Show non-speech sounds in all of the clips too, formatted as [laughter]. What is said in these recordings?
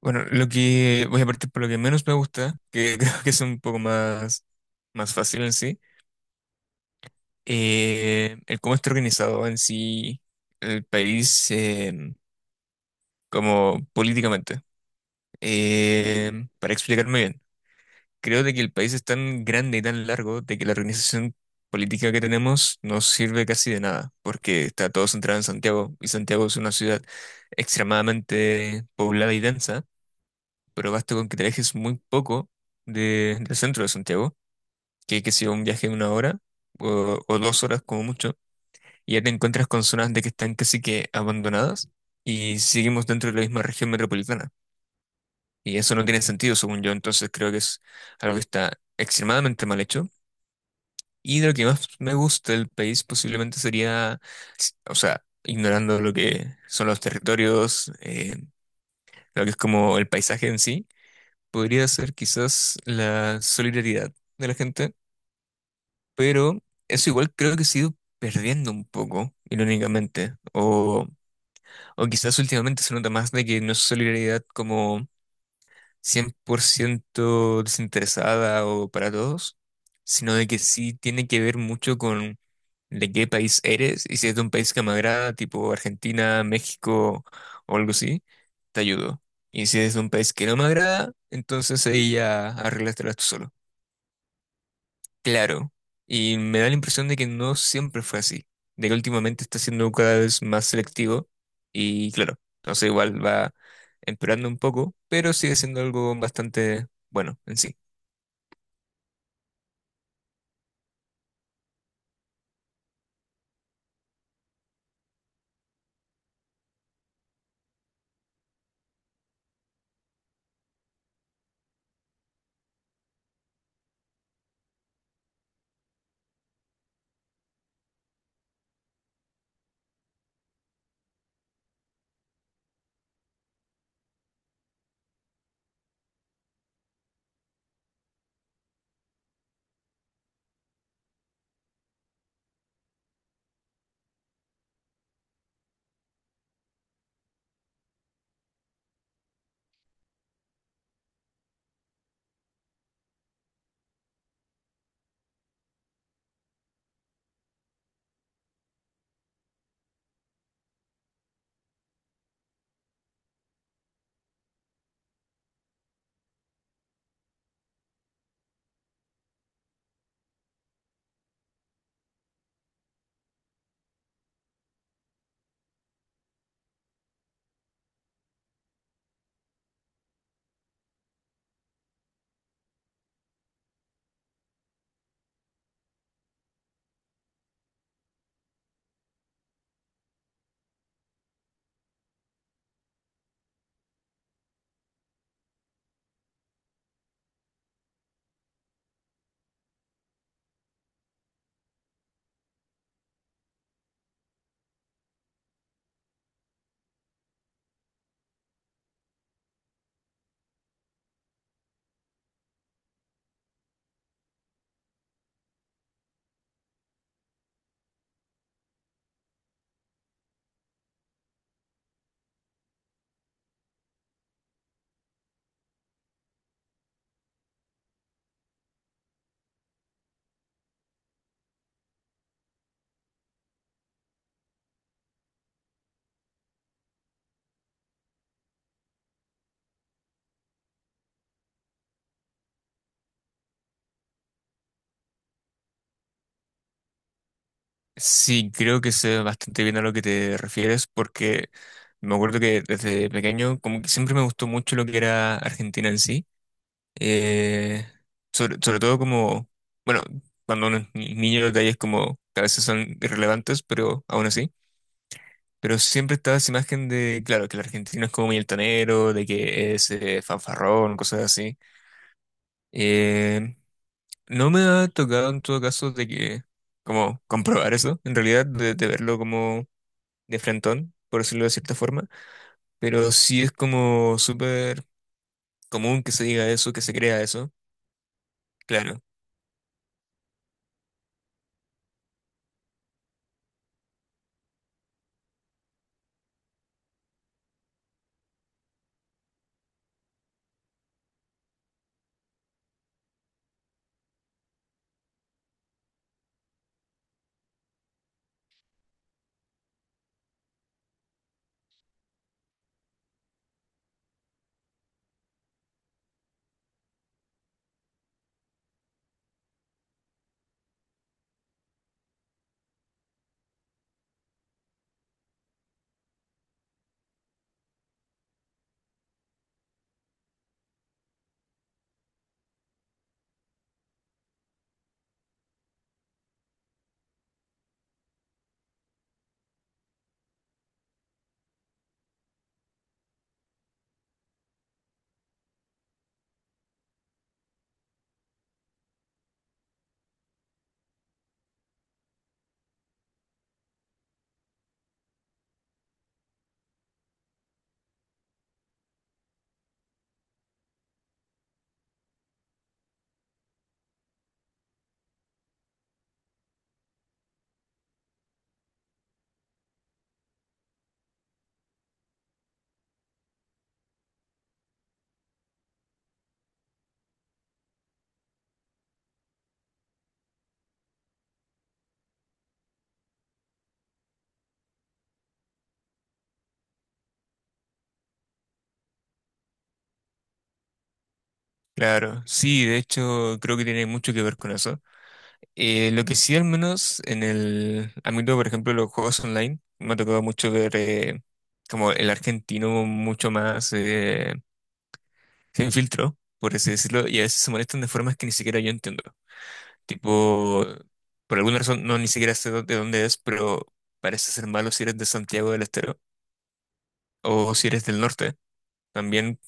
Bueno, lo que voy a partir por lo que menos me gusta, que [laughs] creo que es un poco más, más fácil en sí, el cómo está organizado en sí el país como políticamente. Eh, para explicarme bien, creo de que el país es tan grande y tan largo de que la organización política que tenemos no sirve casi de nada, porque está todo centrado en Santiago y Santiago es una ciudad extremadamente poblada y densa. Pero basta con que te alejes muy poco del centro de Santiago, que sea un viaje de una hora o dos horas como mucho, y ya te encuentras con zonas de que están casi que abandonadas y seguimos dentro de la misma región metropolitana. Y eso no tiene sentido, según yo, entonces creo que es algo que está extremadamente mal hecho. Y de lo que más me gusta del país posiblemente sería, o sea, ignorando lo que son los territorios, lo que es como el paisaje en sí podría ser quizás la solidaridad de la gente, pero eso igual creo que se ha ido perdiendo un poco, irónicamente, o quizás últimamente se nota más de que no es solidaridad como 100% desinteresada o para todos, sino de que sí tiene que ver mucho con de qué país eres y si es de un país que me agrada, tipo Argentina, México o algo así, te ayudo. Y si es de un país que no me agrada, entonces ahí ya arréglatela tú solo. Claro, y me da la impresión de que no siempre fue así, de que últimamente está siendo cada vez más selectivo y claro, entonces igual va empeorando un poco, pero sigue siendo algo bastante bueno en sí. Sí, creo que sé bastante bien a lo que te refieres porque me acuerdo que desde pequeño como que siempre me gustó mucho lo que era Argentina en sí, eh, sobre, sobre todo como, bueno, cuando uno es niño los detalles como que a veces son irrelevantes, pero aún así. Pero siempre estaba esa imagen de, claro, que el argentino es como muy altanero, de que es fanfarrón, cosas así. Eh, no me ha tocado en todo caso de que, como, [laughs] comprobar eso, en realidad, de verlo como de frentón, por decirlo de cierta forma. Pero sí es como súper común que se diga eso, que se crea eso. Claro, claro. Sí, de hecho, creo que tiene mucho que ver con eso. Lo que sí, al menos en el ámbito, por ejemplo, de los juegos online, me ha tocado mucho ver como el argentino mucho más sin filtro, por así decirlo, y a veces se molestan de formas que ni siquiera yo entiendo. Tipo, por alguna razón, no ni siquiera sé de dónde es, pero parece ser malo si eres de Santiago del Estero o si eres del norte. También,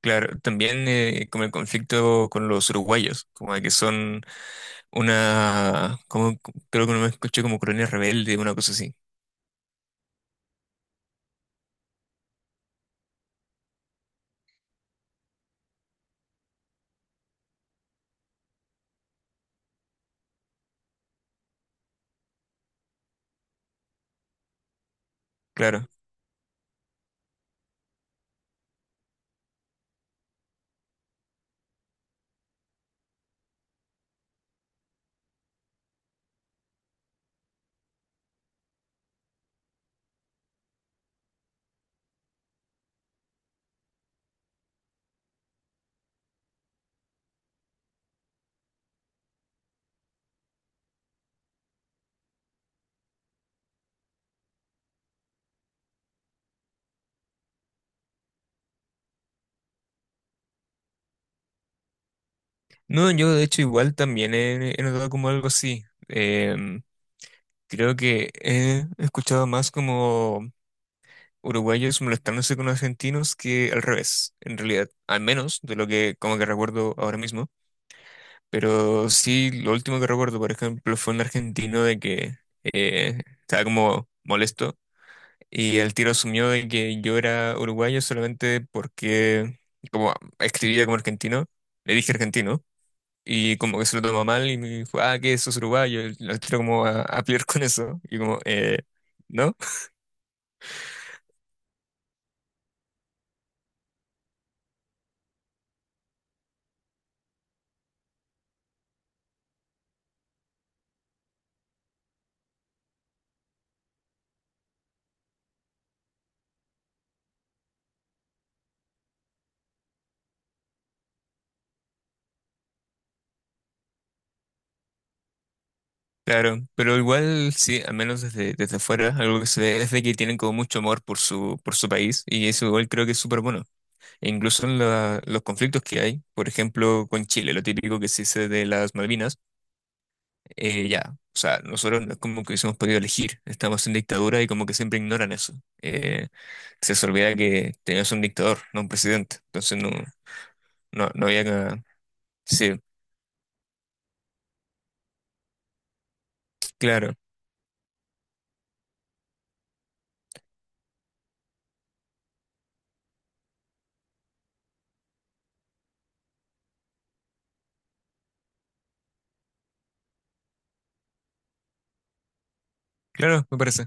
claro, también como el conflicto con los uruguayos, como de que son una, como creo que no me escuché como colonia rebelde, una cosa así. Claro. No, yo de hecho igual también he, he notado como algo así. Em, creo que he escuchado más como uruguayos molestándose con argentinos que al revés, en realidad, al menos de lo que como que recuerdo ahora mismo. Pero sí, lo último que recuerdo, por ejemplo, fue un argentino de que estaba como molesto y el tiro asumió de que yo era uruguayo solamente porque como escribía como argentino, le dije argentino. Y como que se lo tomó mal y me dijo, ah, que sos uruguayo, y lo tiro como a pelear con eso. Y como, ¿no? Claro, pero igual sí, al menos desde, desde fuera, algo que se ve es de que tienen como mucho amor por su país y eso igual creo que es súper bueno. E incluso en los conflictos que hay, por ejemplo, con Chile, lo típico que se dice de las Malvinas, ya, o sea, nosotros no es como que hubiésemos podido elegir, estamos en dictadura y como que siempre ignoran eso. Eh, se les olvida que tenemos un dictador, no un presidente, entonces no. No, no había cagado. Sí, claro, claro, me parece.